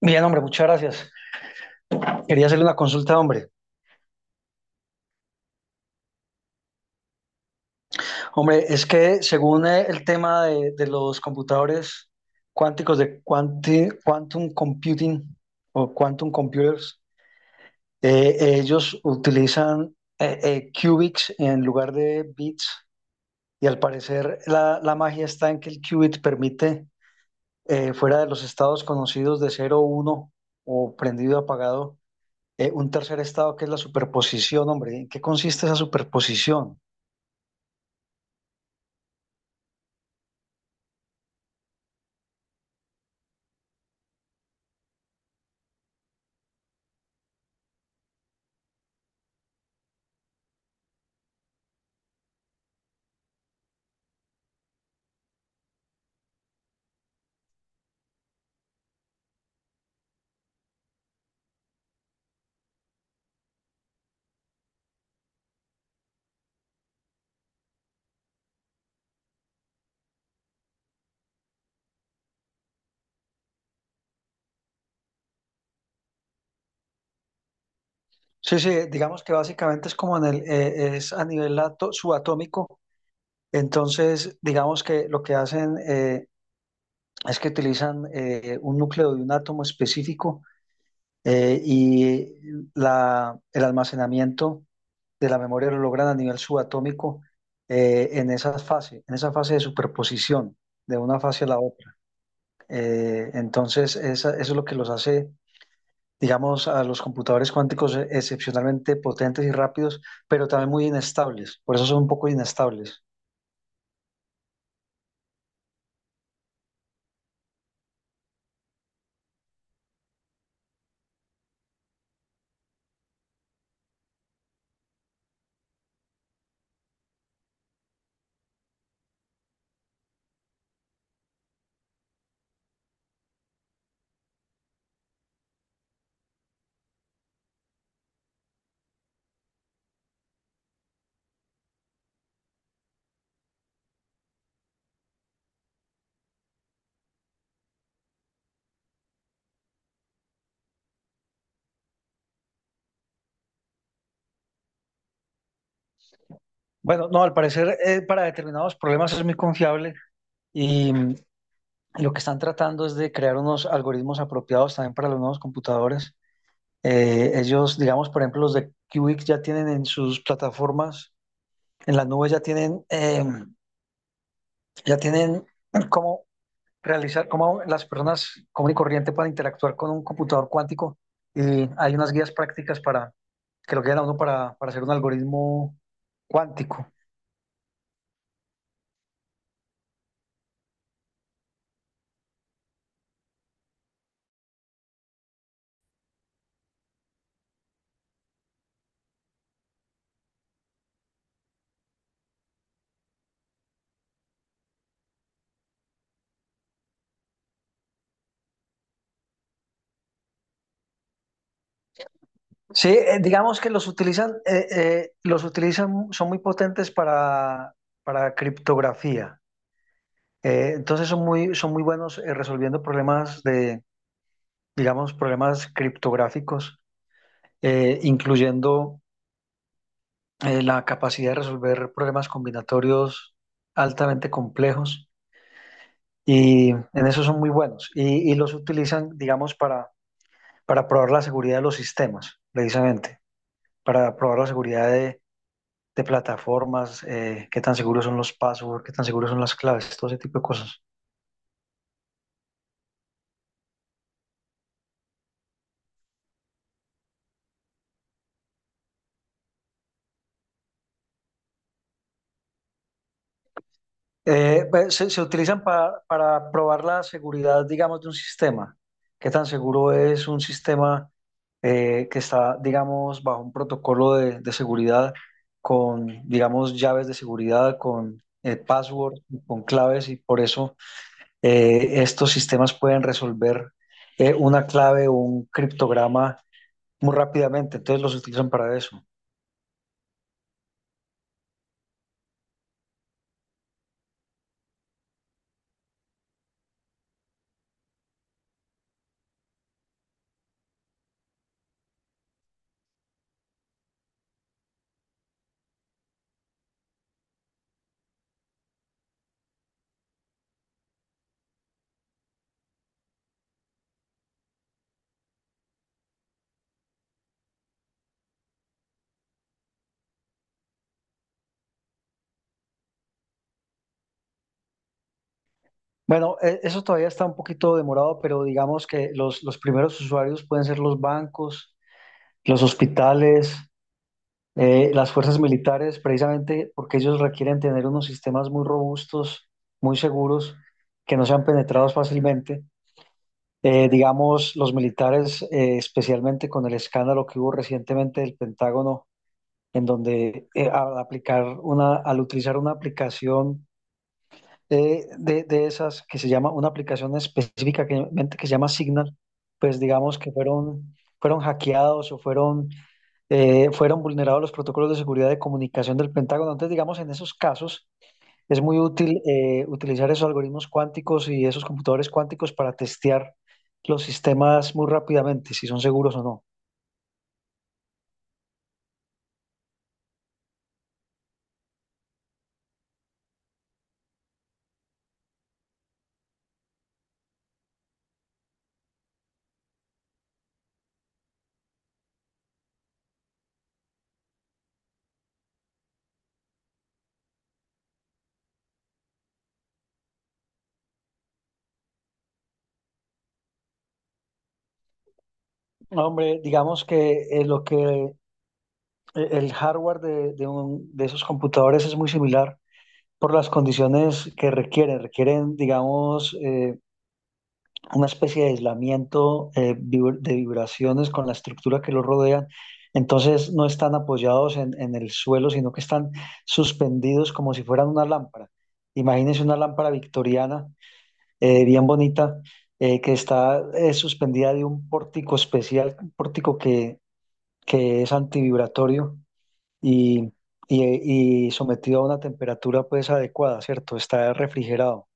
Bien, hombre, muchas gracias. Quería hacerle una consulta, hombre. Hombre, es que según el tema de los computadores cuánticos de quantum computing o quantum computers, ellos utilizan qubits en lugar de bits y al parecer la magia está en que el qubit permite, fuera de los estados conocidos de cero, uno o prendido, apagado, un tercer estado que es la superposición, hombre. ¿En qué consiste esa superposición? Sí, sí, digamos que básicamente es como en es a nivel subatómico. Entonces, digamos que lo que hacen es que utilizan un núcleo de un átomo específico eh, y el almacenamiento de la memoria lo logran a nivel subatómico, en esa fase de superposición de una fase a la otra. Entonces, eso es lo que los hace, digamos, a los computadores cuánticos excepcionalmente potentes y rápidos, pero también muy inestables. Por eso son un poco inestables. Bueno, no, al parecer para determinados problemas es muy confiable y, y lo que están tratando es de crear unos algoritmos apropiados también para los nuevos computadores. Ellos, digamos, por ejemplo, los de Qwik ya tienen en sus plataformas, en la nube ya tienen, ya tienen como realizar, cómo las personas común y corriente pueden interactuar con un computador cuántico, y hay unas guías prácticas para que lo guían a uno para hacer un algoritmo cuántico. Sí, digamos que los utilizan, son muy potentes para criptografía. Entonces son son muy buenos resolviendo problemas de, digamos, problemas criptográficos, incluyendo la capacidad de resolver problemas combinatorios altamente complejos, y en eso son muy buenos, y los utilizan, digamos, para probar la seguridad de los sistemas, precisamente, para probar la seguridad de plataformas, qué tan seguros son los passwords, qué tan seguros son las claves, todo ese tipo de cosas. Pues, se utilizan para probar la seguridad, digamos, de un sistema, qué tan seguro es un sistema que está, digamos, bajo un protocolo de seguridad con, digamos, llaves de seguridad, con password, con claves, y por eso estos sistemas pueden resolver una clave o un criptograma muy rápidamente, entonces los utilizan para eso. Bueno, eso todavía está un poquito demorado, pero digamos que los primeros usuarios pueden ser los bancos, los hospitales, las fuerzas militares, precisamente porque ellos requieren tener unos sistemas muy robustos, muy seguros, que no sean penetrados fácilmente. Digamos, los militares, especialmente con el escándalo que hubo recientemente del Pentágono, en donde al utilizar una aplicación de esas que se llama, una aplicación específica que se llama Signal, pues digamos que fueron, fueron hackeados o fueron, fueron vulnerados los protocolos de seguridad de comunicación del Pentágono. Entonces, digamos, en esos casos es muy útil utilizar esos algoritmos cuánticos y esos computadores cuánticos para testear los sistemas muy rápidamente, si son seguros o no. No, hombre, digamos que lo que el hardware de de esos computadores es muy similar por las condiciones que requieren. Requieren, digamos, una especie de aislamiento de vibraciones con la estructura que los rodean. Entonces no están apoyados en el suelo, sino que están suspendidos como si fueran una lámpara. Imagínense una lámpara victoriana, bien bonita, que está suspendida de un pórtico especial, un pórtico que es antivibratorio y, y sometido a una temperatura pues adecuada, ¿cierto? Está refrigerado,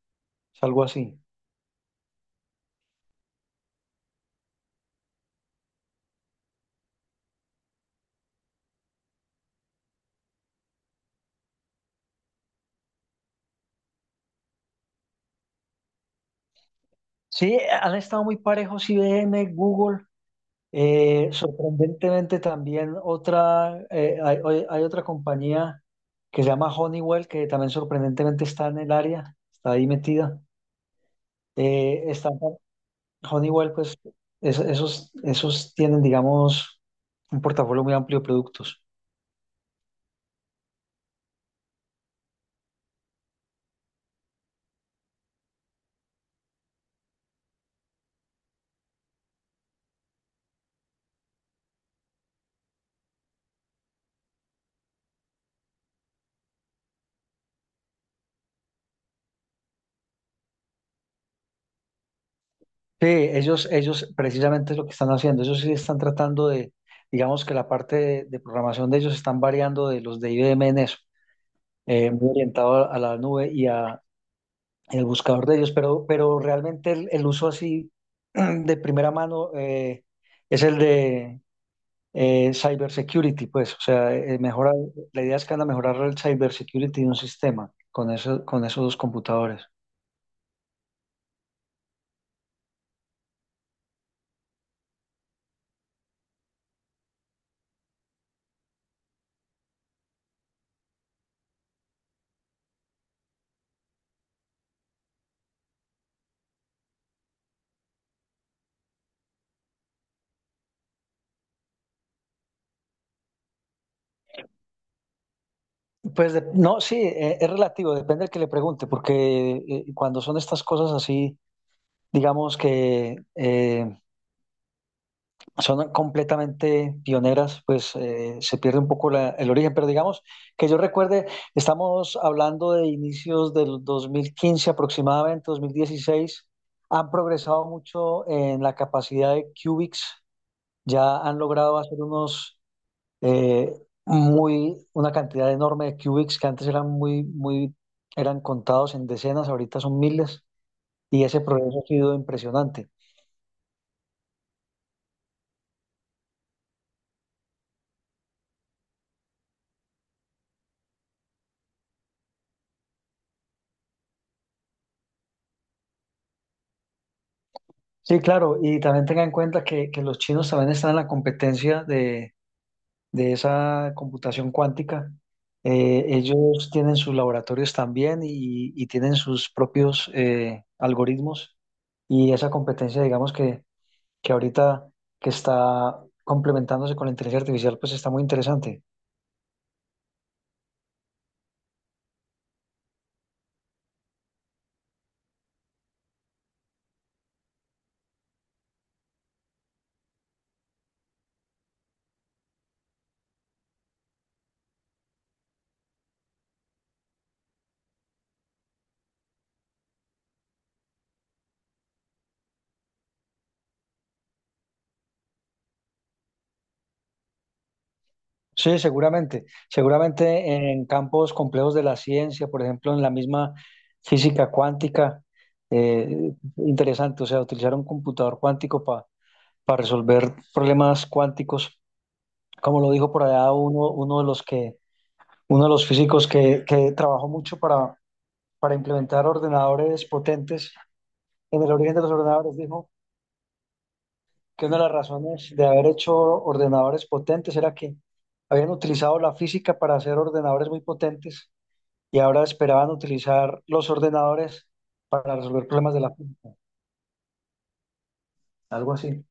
es algo así. Sí, han estado muy parejos IBM, Google. Sorprendentemente también otra, hay otra compañía que se llama Honeywell, que también sorprendentemente está en el área, está ahí metida. Eh, está, Honeywell, pues esos, esos tienen, digamos, un portafolio muy amplio de productos. Sí, ellos precisamente es lo que están haciendo. Ellos sí están tratando de, digamos que la parte de programación de ellos están variando de los de IBM en eso, muy orientado a la nube y a el buscador de ellos, pero realmente el uso así de primera mano es el de cybersecurity, pues, o sea, mejora, la idea es que van a mejorar el cybersecurity de un sistema con eso, con esos dos computadores. Pues no, sí, es relativo, depende del que le pregunte, porque cuando son estas cosas así, digamos que son completamente pioneras, pues se pierde un poco el origen. Pero digamos que yo recuerde, estamos hablando de inicios del 2015 aproximadamente, 2016, han progresado mucho en la capacidad de qubits, ya han logrado hacer unos eh, una cantidad enorme de qubits que antes eran muy, eran contados en decenas, ahorita son miles, y ese progreso ha sido impresionante. Sí, claro, y también tenga en cuenta que los chinos también están en la competencia de esa computación cuántica. Ellos tienen sus laboratorios también, y tienen sus propios algoritmos, y esa competencia, digamos que ahorita que está complementándose con la inteligencia artificial, pues está muy interesante. Sí, seguramente. Seguramente en campos complejos de la ciencia, por ejemplo, en la misma física cuántica, interesante, o sea, utilizar un computador cuántico para resolver problemas cuánticos, como lo dijo por allá uno, uno de los físicos que trabajó mucho para implementar ordenadores potentes en el origen de los ordenadores, dijo que una de las razones de haber hecho ordenadores potentes era que habían utilizado la física para hacer ordenadores muy potentes y ahora esperaban utilizar los ordenadores para resolver problemas de la finca, algo así.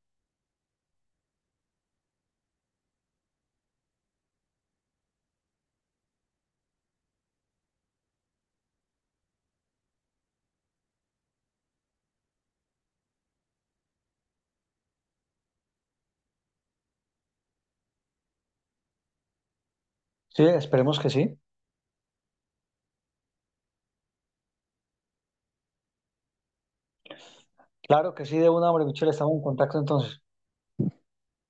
Sí, esperemos que sí. Claro que sí, de una, hombre, Michelle, estamos en contacto entonces.